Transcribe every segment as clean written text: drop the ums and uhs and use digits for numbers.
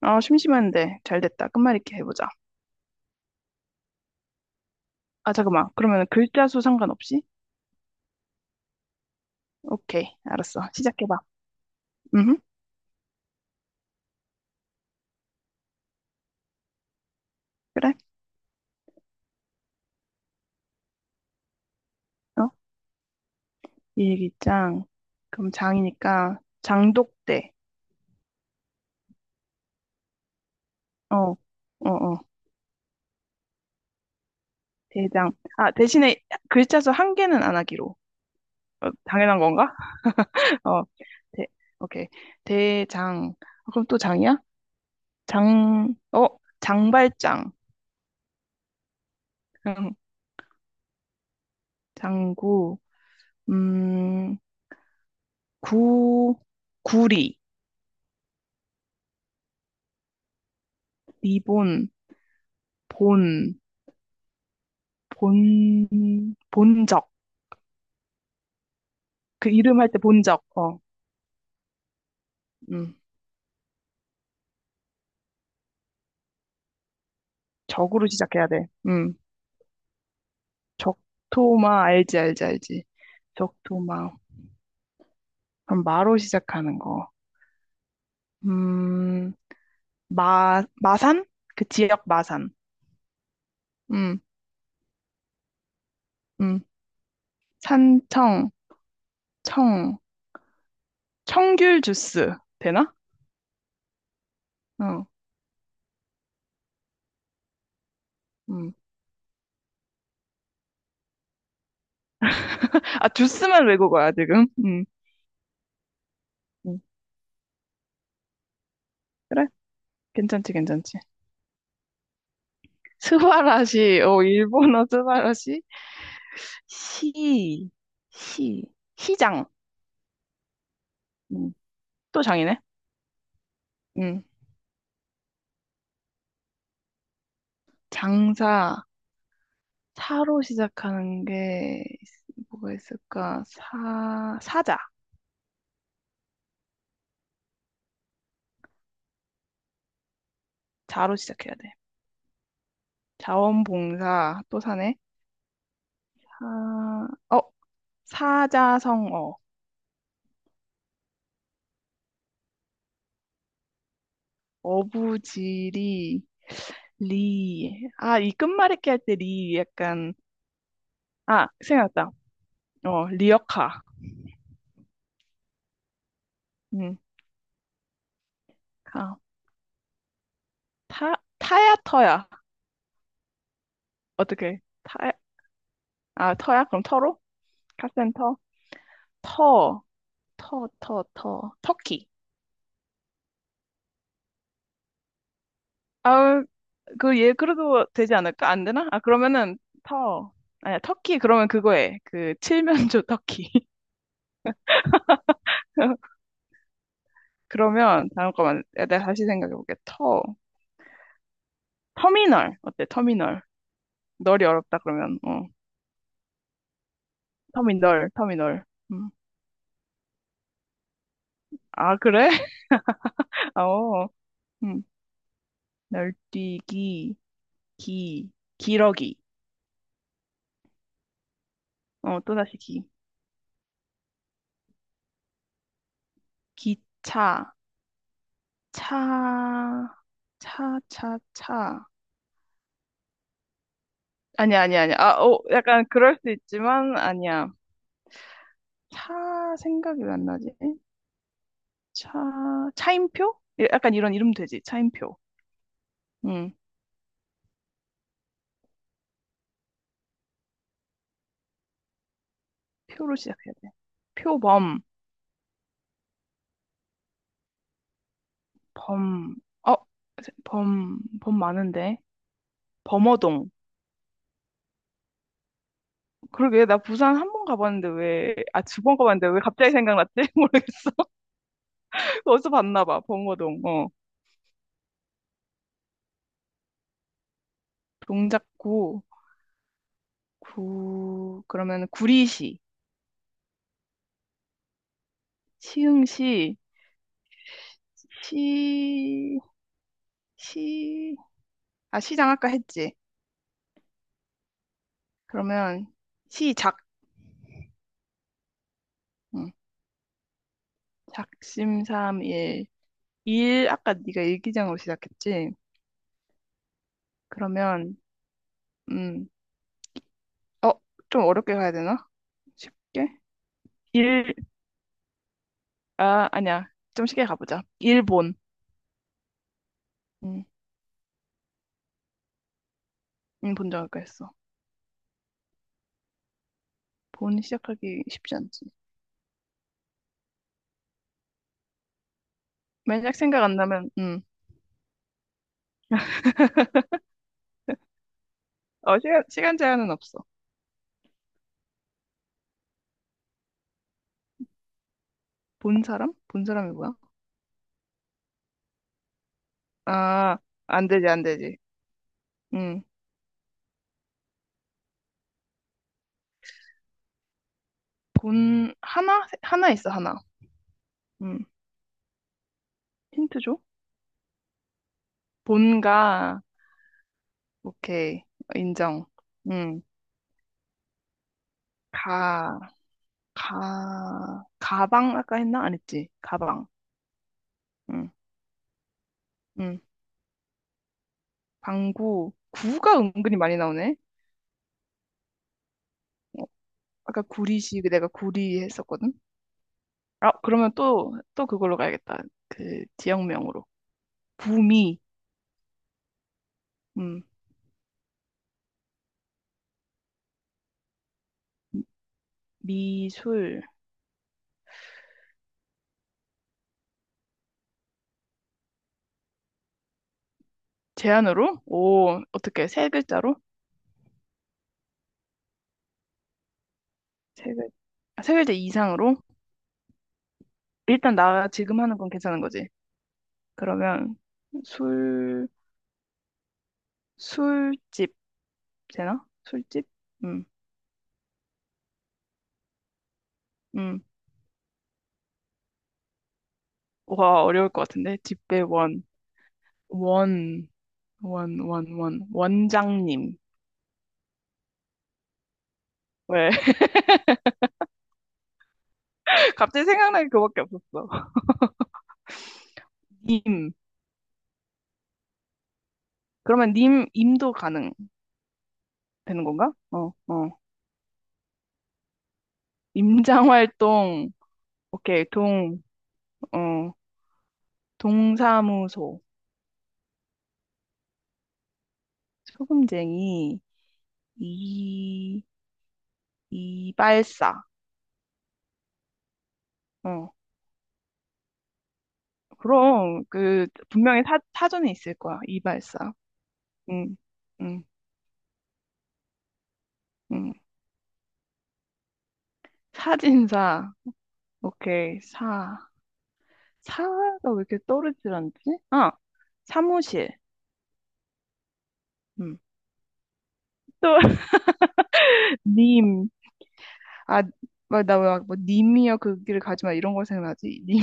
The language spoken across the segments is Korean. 아, 심심한데. 잘 됐다. 끝말잇기 해보자. 아, 잠깐만. 그러면 글자 수 상관없이? 오케이. 알았어. 시작해봐. 음. 그래. 어? 일기장. 그럼 장이니까 장독대. 어, 어, 어. 대장. 아, 대신에 글자 수 한 개는 안 하기로. 어, 당연한 건가? 어, 대, 오케이. 대장. 아, 그럼 또 장이야? 장, 어, 장발장. 장구. 음, 구, 구리. 리본. 본, 본적. 그 이름 할 때 본적. 어, 음. 적으로 시작해야 돼. 음. 적토마, 알지, 알지, 알지. 적토마. 그럼 마로 시작하는 거. 음, 마, 마산? 그 지역 마산. 음, 음. 산청, 청, 청귤 주스. 되나? 어, 음. 아, 주스만 외국어야, 지금. 음. 음. 그래? 괜찮지, 괜찮지. 스바라시, 일본어 스바라시. 시, 시, 시장. 음, 또 장이네. 음, 장사, 사로 시작하는 게 뭐가 있을까? 사자. 자로 시작해야 돼. 자원봉사, 또 사네. 사, 어, 사자성어, 어부지리, 리. 아, 이 끝말잇기 할 때 리 약간, 아, 생각났다. 어, 리어카. 응, 가. 타, 타야 터야. 어떻게? 아, 터야? 그럼 터로? 카센터? 터, 터, 터, 터. 터키. 아, 그래도 되지 않을까? 안 되나? 아, 그러면은, 터. 아니야, 터키, 그러면 그거에. 칠면조 터키. 그러면, 잠깐만. 내가 다시 생각해볼게. 터. 터미널. 어때, 터미널. 널이 어렵다, 그러면. 어. 터미널, 터미널. 음. 아, 그래? 어. 음. 널뛰기, 기, 기러기. 어, 또다시 기. 기차. 차, 차, 차, 차. 아니야, 아니야, 아니야. 아, 오, 약간 그럴 수 있지만, 아니야. 차 생각이 왜 안 나지? 차, 차임표? 예, 약간 이런 이름 되지. 차임표. 응, 표로 시작해야 돼. 표범, 범, 어, 범 많은데. 범어동. 그러게, 나 부산 한 번 가봤는데 왜, 아, 두 번 가봤는데 왜 갑자기 생각났지? 모르겠어. 어디서 봤나 봐, 범어동. 어. 동작구, 구, 그러면 구리시. 시흥시, 시, 시, 아, 시장 아까 했지. 그러면 시작, 응. 작심삼일. 일, 아까 네가 일기장으로 시작했지. 그러면, 음, 어, 좀 어렵게 가야 되나? 쉽게? 일, 아, 아니야. 좀 쉽게 가보자. 일본. 응, 응, 본적 아까 했어. 본 시작하기 쉽지 않지. 만약 생각 안 나면, 응. 어, 시간 제한은 없어. 본 사람? 본 사람이 뭐야? 아, 안 되지, 안 되지. 응. 본 하나 하나 있어 하나. 음 힌트 줘. 본가. 오케이. 인정. 음가. 가가 가방 아까 했나 안 했지? 가방. 음음 방구. 구가 은근히 많이 나오네. 어, 아까 구리시 내가 구리 했었거든. 아, 그러면 또 그걸로 가야겠다. 그 지역명으로 구미. 음 미술. 제안으로. 오, 어떻게? 세 글자로? 세 글, 세 글자 이상으로? 일단 나 지금 하는 건 괜찮은 거지. 그러면 술 술집 되나? 술집? 음. 음. 와, 어려울 것 같은데. 집배 원. 원. 원, 원, 원. 원장님. 왜? 갑자기 생각나는 그거밖에 없었어. 님. 그러면 님, 임도 가능 되는 건가? 어, 어. 임장 활동. 오케이. 동. 어. 동사무소. 소금쟁이. 이. 이발사. 어. 그럼 그 분명히 사전에 있을 거야. 이발사. 응, 응, 응. 사진사. 오케이. 사. 사가 왜 이렇게 떠오르질 않지? 아, 사무실. 응. 또 님. 아, 나왜뭐 님이여 그 길을 가지 마 이런 거 생각나지? 님.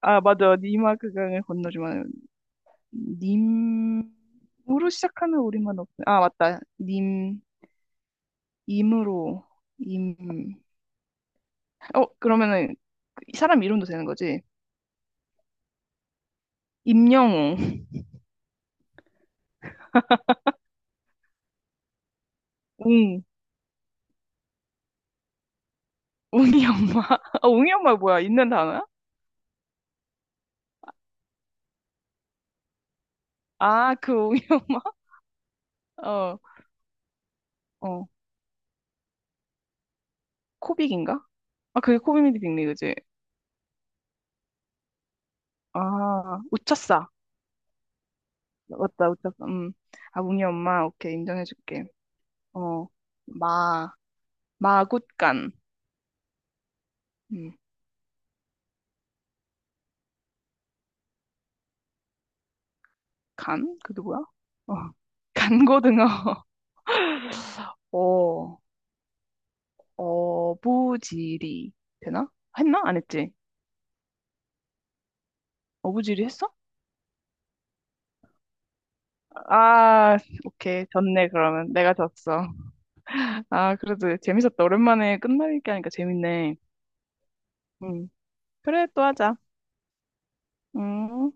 아, 맞아. 님아 그 강을 건너지 마. 님으로 시작하는 우리만 없. 아, 맞다. 님. 임으로. 임. 어, 그러면은 그 사람 이름도 되는 거지? 임영웅, 웅, 웅이 엄마. 아, 웅이 엄마 뭐야? 있는 단어야? 아, 그 웅이 엄마. 어, 어, 코빅인가? 아, 그게 코빅이 빅리 그지? 아, 웃쳤어. 맞다, 웃쳤어. 음. 아, 웅이 엄마. 오케이, 인정해줄게. 어, 마, 마굿간. 음, 간? 그 누구야? 어, 간고등어. 어, 어부지리. 되나? 했나? 안 했지? 어부지리 했어? 아, 오케이. 졌네, 그러면. 내가 졌어. 아, 그래도 재밌었다. 오랜만에 끝날 얘기하니까 재밌네. 음. 그래, 또 하자. 음.